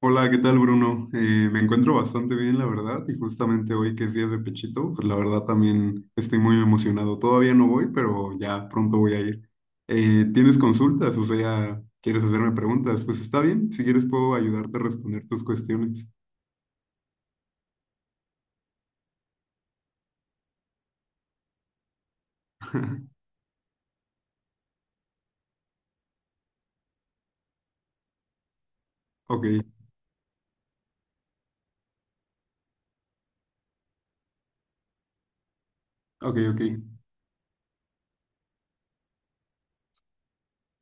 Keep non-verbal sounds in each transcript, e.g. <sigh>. Hola, ¿qué tal, Bruno? Me encuentro bastante bien, la verdad, y justamente hoy que es día de Pechito, pues la verdad también estoy muy emocionado. Todavía no voy, pero ya pronto voy a ir. ¿Tienes consultas? O sea, ¿quieres hacerme preguntas? Pues está bien, si quieres puedo ayudarte a responder tus cuestiones. Ok, ok, ok.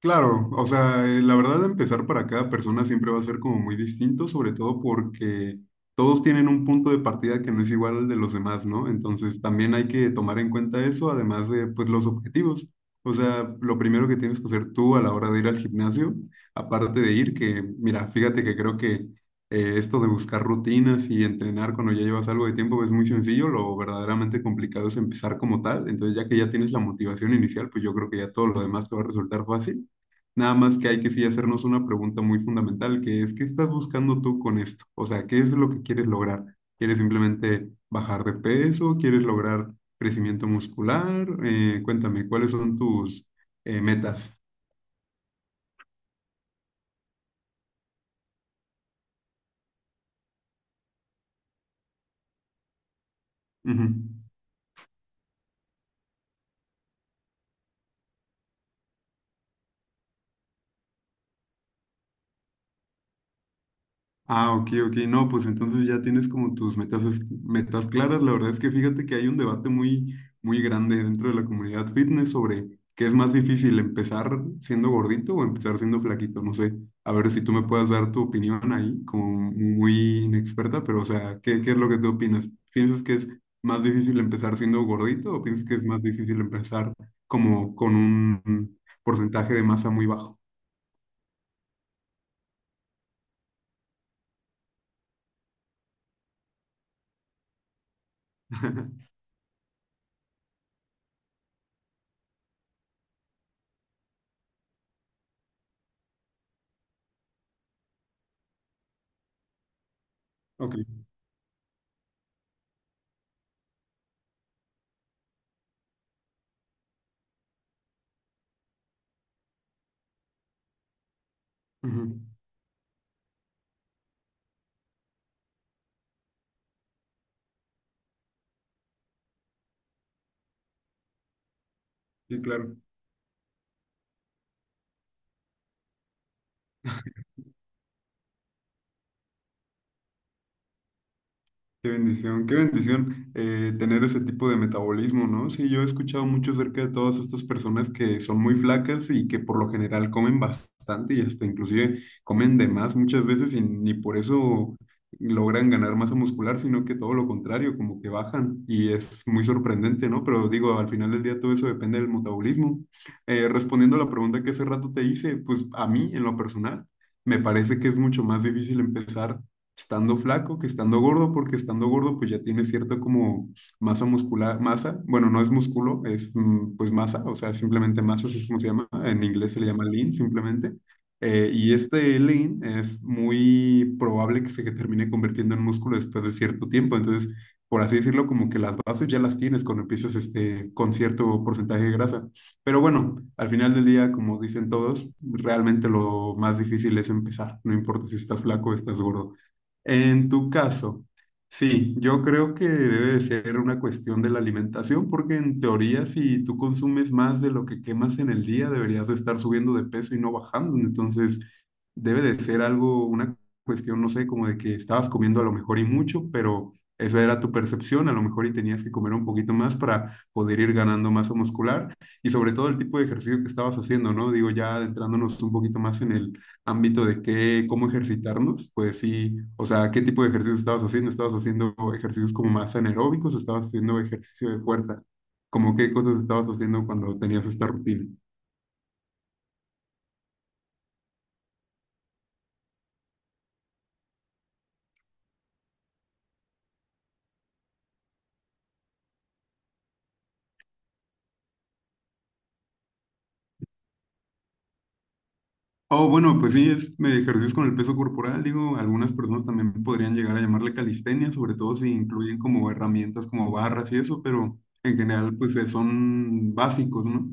Claro, o sea, la verdad empezar para cada persona siempre va a ser como muy distinto, sobre todo porque todos tienen un punto de partida que no es igual al de los demás, ¿no? Entonces también hay que tomar en cuenta eso, además de pues los objetivos. O sea, lo primero que tienes que hacer tú a la hora de ir al gimnasio, aparte de ir, que mira, fíjate que creo que esto de buscar rutinas y entrenar cuando ya llevas algo de tiempo es muy sencillo, lo verdaderamente complicado es empezar como tal. Entonces ya que ya tienes la motivación inicial, pues yo creo que ya todo lo demás te va a resultar fácil. Nada más que hay que sí hacernos una pregunta muy fundamental, que es, ¿qué estás buscando tú con esto? O sea, ¿qué es lo que quieres lograr? ¿Quieres simplemente bajar de peso? ¿Quieres lograr crecimiento muscular? Cuéntame, ¿cuáles son tus metas? Ujú. Ah, ok, ok. No, pues entonces ya tienes como tus metas, metas claras. La verdad es que fíjate que hay un debate muy, muy grande dentro de la comunidad fitness sobre qué es más difícil, empezar siendo gordito o empezar siendo flaquito. No sé, a ver si tú me puedas dar tu opinión ahí, como muy inexperta, pero o sea, ¿qué es lo que tú opinas? ¿Piensas que es más difícil empezar siendo gordito o piensas que es más difícil empezar como con un porcentaje de masa muy bajo? <laughs> Ok. Ujú. Sí, claro. Qué bendición tener ese tipo de metabolismo, ¿no? Sí, yo he escuchado mucho acerca de todas estas personas que son muy flacas y que por lo general comen bastante y hasta inclusive comen de más muchas veces y ni por eso logran ganar masa muscular, sino que todo lo contrario, como que bajan y es muy sorprendente, ¿no? Pero digo, al final del día todo eso depende del metabolismo. Respondiendo a la pregunta que hace rato te hice, pues a mí en lo personal. Me parece que es mucho más difícil empezar estando flaco que estando gordo, porque estando gordo pues ya tiene cierto como masa muscular, masa, bueno, no es músculo, es pues masa, o sea, simplemente masa, así es como se llama, en inglés se le llama lean simplemente. Y este lean es muy probable que se termine convirtiendo en músculo después de cierto tiempo, entonces, por así decirlo, como que las bases ya las tienes cuando empiezas este, con cierto porcentaje de grasa. Pero bueno, al final del día, como dicen todos, realmente lo más difícil es empezar, no importa si estás flaco o estás gordo. En tu caso, sí, yo creo que debe de ser una cuestión de la alimentación, porque en teoría si tú consumes más de lo que quemas en el día, deberías de estar subiendo de peso y no bajando. Entonces, debe de ser algo, una cuestión, no sé, como de que estabas comiendo a lo mejor y mucho, pero esa era tu percepción, a lo mejor y tenías que comer un poquito más para poder ir ganando masa muscular y sobre todo el tipo de ejercicio que estabas haciendo, ¿no? Digo, ya adentrándonos un poquito más en el ámbito de qué, cómo ejercitarnos, pues sí, o sea, ¿qué tipo de ejercicios estabas haciendo? ¿Estabas haciendo ejercicios como más anaeróbicos o estabas haciendo ejercicio de fuerza? ¿Como qué cosas estabas haciendo cuando tenías esta rutina? Oh, bueno, pues sí, es ejercicios con el peso corporal, digo, algunas personas también podrían llegar a llamarle calistenia, sobre todo si incluyen como herramientas como barras y eso, pero en general pues son básicos, ¿no?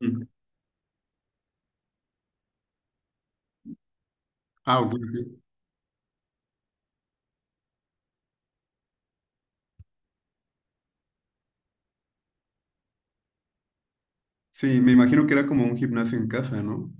Ujú. Ah, ok, ok. Sí, me imagino que era como un gimnasio en casa, ¿no?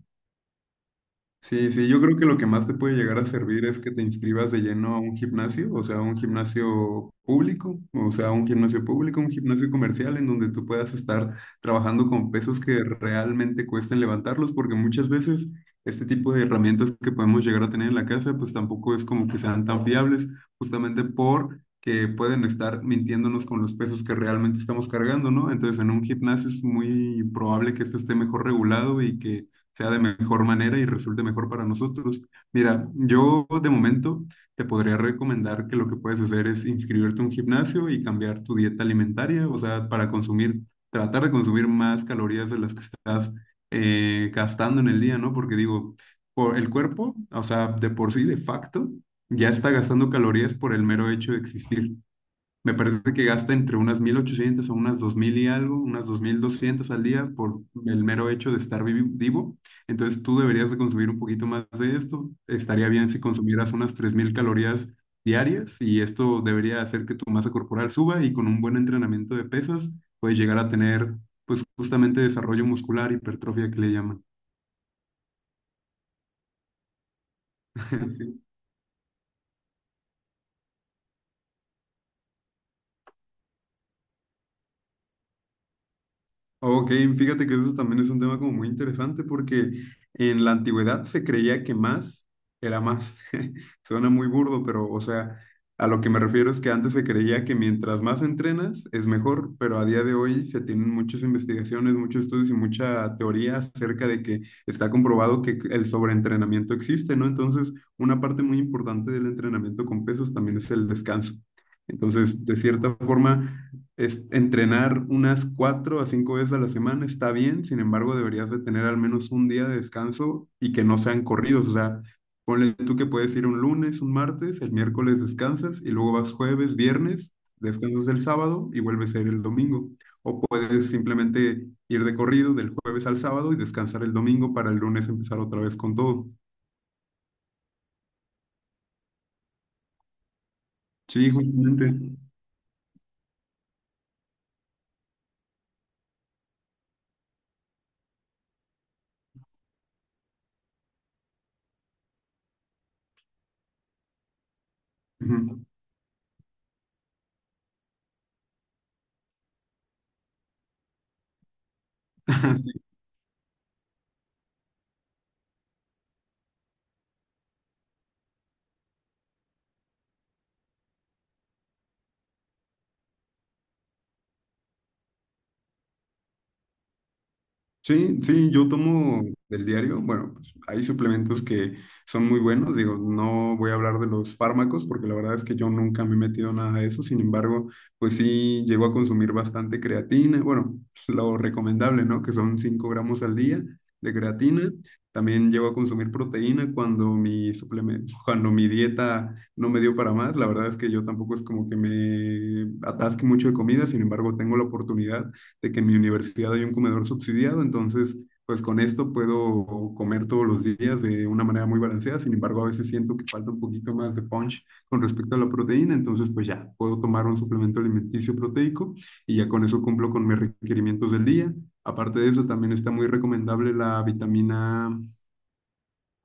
Sí, sí, yo creo que lo que más te puede llegar a servir es que te inscribas de lleno a un gimnasio, o sea, un gimnasio público, o sea, un gimnasio público, un gimnasio comercial en donde tú puedas estar trabajando con pesos que realmente cuesten levantarlos, porque muchas veces este tipo de herramientas que podemos llegar a tener en la casa, pues tampoco es como que sean tan fiables, justamente por que pueden estar mintiéndonos con los pesos que realmente estamos cargando, ¿no? Entonces, en un gimnasio es muy probable que este esté mejor regulado y que sea de mejor manera y resulte mejor para nosotros. Mira, yo de momento te podría recomendar que lo que puedes hacer es inscribirte a un gimnasio y cambiar tu dieta alimentaria, o sea, para consumir, tratar de consumir más calorías de las que estás gastando en el día, ¿no? Porque digo, por el cuerpo, o sea, de por sí, de facto, ya está gastando calorías por el mero hecho de existir. Me parece que gasta entre unas 1.800 a unas 2.000 y algo, unas 2.200 al día por el mero hecho de estar vivo. Entonces tú deberías de consumir un poquito más de esto. Estaría bien si consumieras unas 3.000 calorías diarias y esto debería hacer que tu masa corporal suba y con un buen entrenamiento de pesas puedes llegar a tener pues justamente desarrollo muscular, hipertrofia que le llaman. <laughs> Ok, fíjate que eso también es un tema como muy interesante porque en la antigüedad se creía que más era más. <laughs> Suena muy burdo, pero o sea, a lo que me refiero es que antes se creía que mientras más entrenas es mejor, pero a día de hoy se tienen muchas investigaciones, muchos estudios y mucha teoría acerca de que está comprobado que el sobreentrenamiento existe, ¿no? Entonces, una parte muy importante del entrenamiento con pesas también es el descanso. Entonces, de cierta forma es, entrenar unas cuatro a cinco veces a la semana está bien, sin embargo, deberías de tener al menos un día de descanso y que no sean corridos. O sea, ponle tú que puedes ir un lunes, un martes, el miércoles descansas y luego vas jueves, viernes, descansas el sábado y vuelves a ir el domingo. O puedes simplemente ir de corrido del jueves al sábado y descansar el domingo para el lunes empezar otra vez con todo. Sí, justamente. Ujú. <laughs> Sí, sí, yo tomo del diario. Bueno, pues, hay suplementos que son muy buenos. Digo, no voy a hablar de los fármacos porque la verdad es que yo nunca me he metido nada de eso. Sin embargo, pues sí, llego a consumir bastante creatina. Bueno, lo recomendable, ¿no? Que son 5 gramos al día de creatina. También llego a consumir proteína cuando mi suplemento, <laughs> cuando mi dieta no me dio para más. La verdad es que yo tampoco es como que me atasque mucho de comida. Sin embargo, tengo la oportunidad de que en mi universidad hay un comedor subsidiado, entonces pues con esto puedo comer todos los días de una manera muy balanceada, sin embargo a veces siento que falta un poquito más de punch con respecto a la proteína, entonces pues ya puedo tomar un suplemento alimenticio proteico y ya con eso cumplo con mis requerimientos del día. Aparte de eso, también está muy recomendable la vitamina.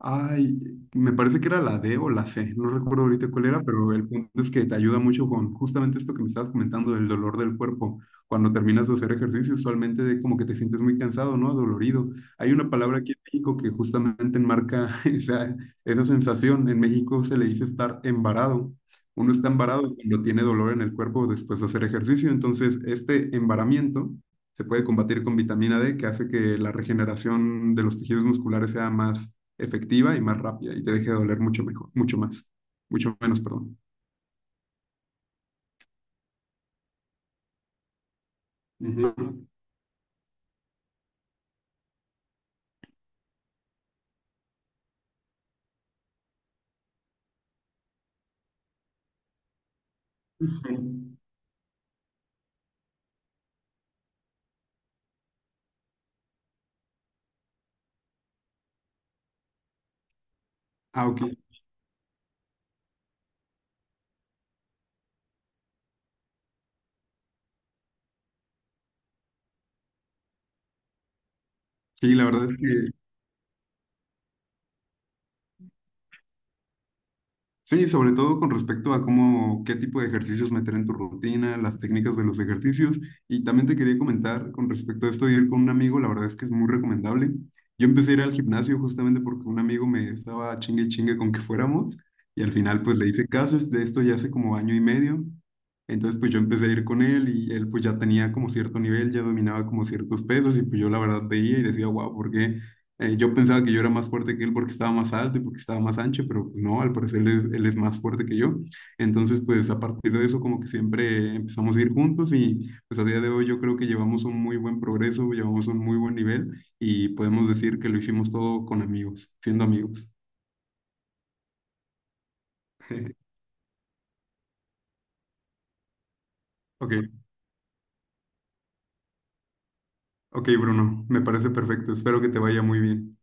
Ay, me parece que era la D o la C, no recuerdo ahorita cuál era, pero el punto es que te ayuda mucho con justamente esto que me estabas comentando del dolor del cuerpo. Cuando terminas de hacer ejercicio, usualmente de como que te sientes muy cansado, ¿no? Dolorido. Hay una palabra aquí en México que justamente enmarca <laughs> esa sensación. En México se le dice estar embarado. Uno está embarado cuando tiene dolor en el cuerpo después de hacer ejercicio. Entonces, este embaramiento se puede combatir con vitamina D, que hace que la regeneración de los tejidos musculares sea más efectiva y más rápida y te deje de doler mucho mejor, mucho más, mucho menos, perdón. Ujú. Ujú. Ah, ok. Sí, la verdad es que sí, sobre todo con respecto a cómo, qué tipo de ejercicios meter en tu rutina, las técnicas de los ejercicios. Y también te quería comentar con respecto a esto de ir con un amigo, la verdad es que es muy recomendable. Yo empecé a ir al gimnasio justamente porque un amigo me estaba chingue y chingue con que fuéramos y al final pues le hice caso, es de esto ya hace como año y medio. Entonces pues yo empecé a ir con él y él pues ya tenía como cierto nivel, ya dominaba como ciertos pesos y pues yo la verdad veía y decía, wow, ¿por qué yo pensaba que yo era más fuerte que él porque estaba más alto y porque estaba más ancho, pero pues, no, al parecer él es más fuerte que yo. Entonces, pues a partir de eso como que siempre empezamos a ir juntos y pues a día de hoy yo creo que llevamos un muy buen progreso, llevamos un muy buen nivel y podemos decir que lo hicimos todo con amigos, siendo amigos. <laughs> Ok, ok Bruno, me parece perfecto, espero que te vaya muy bien.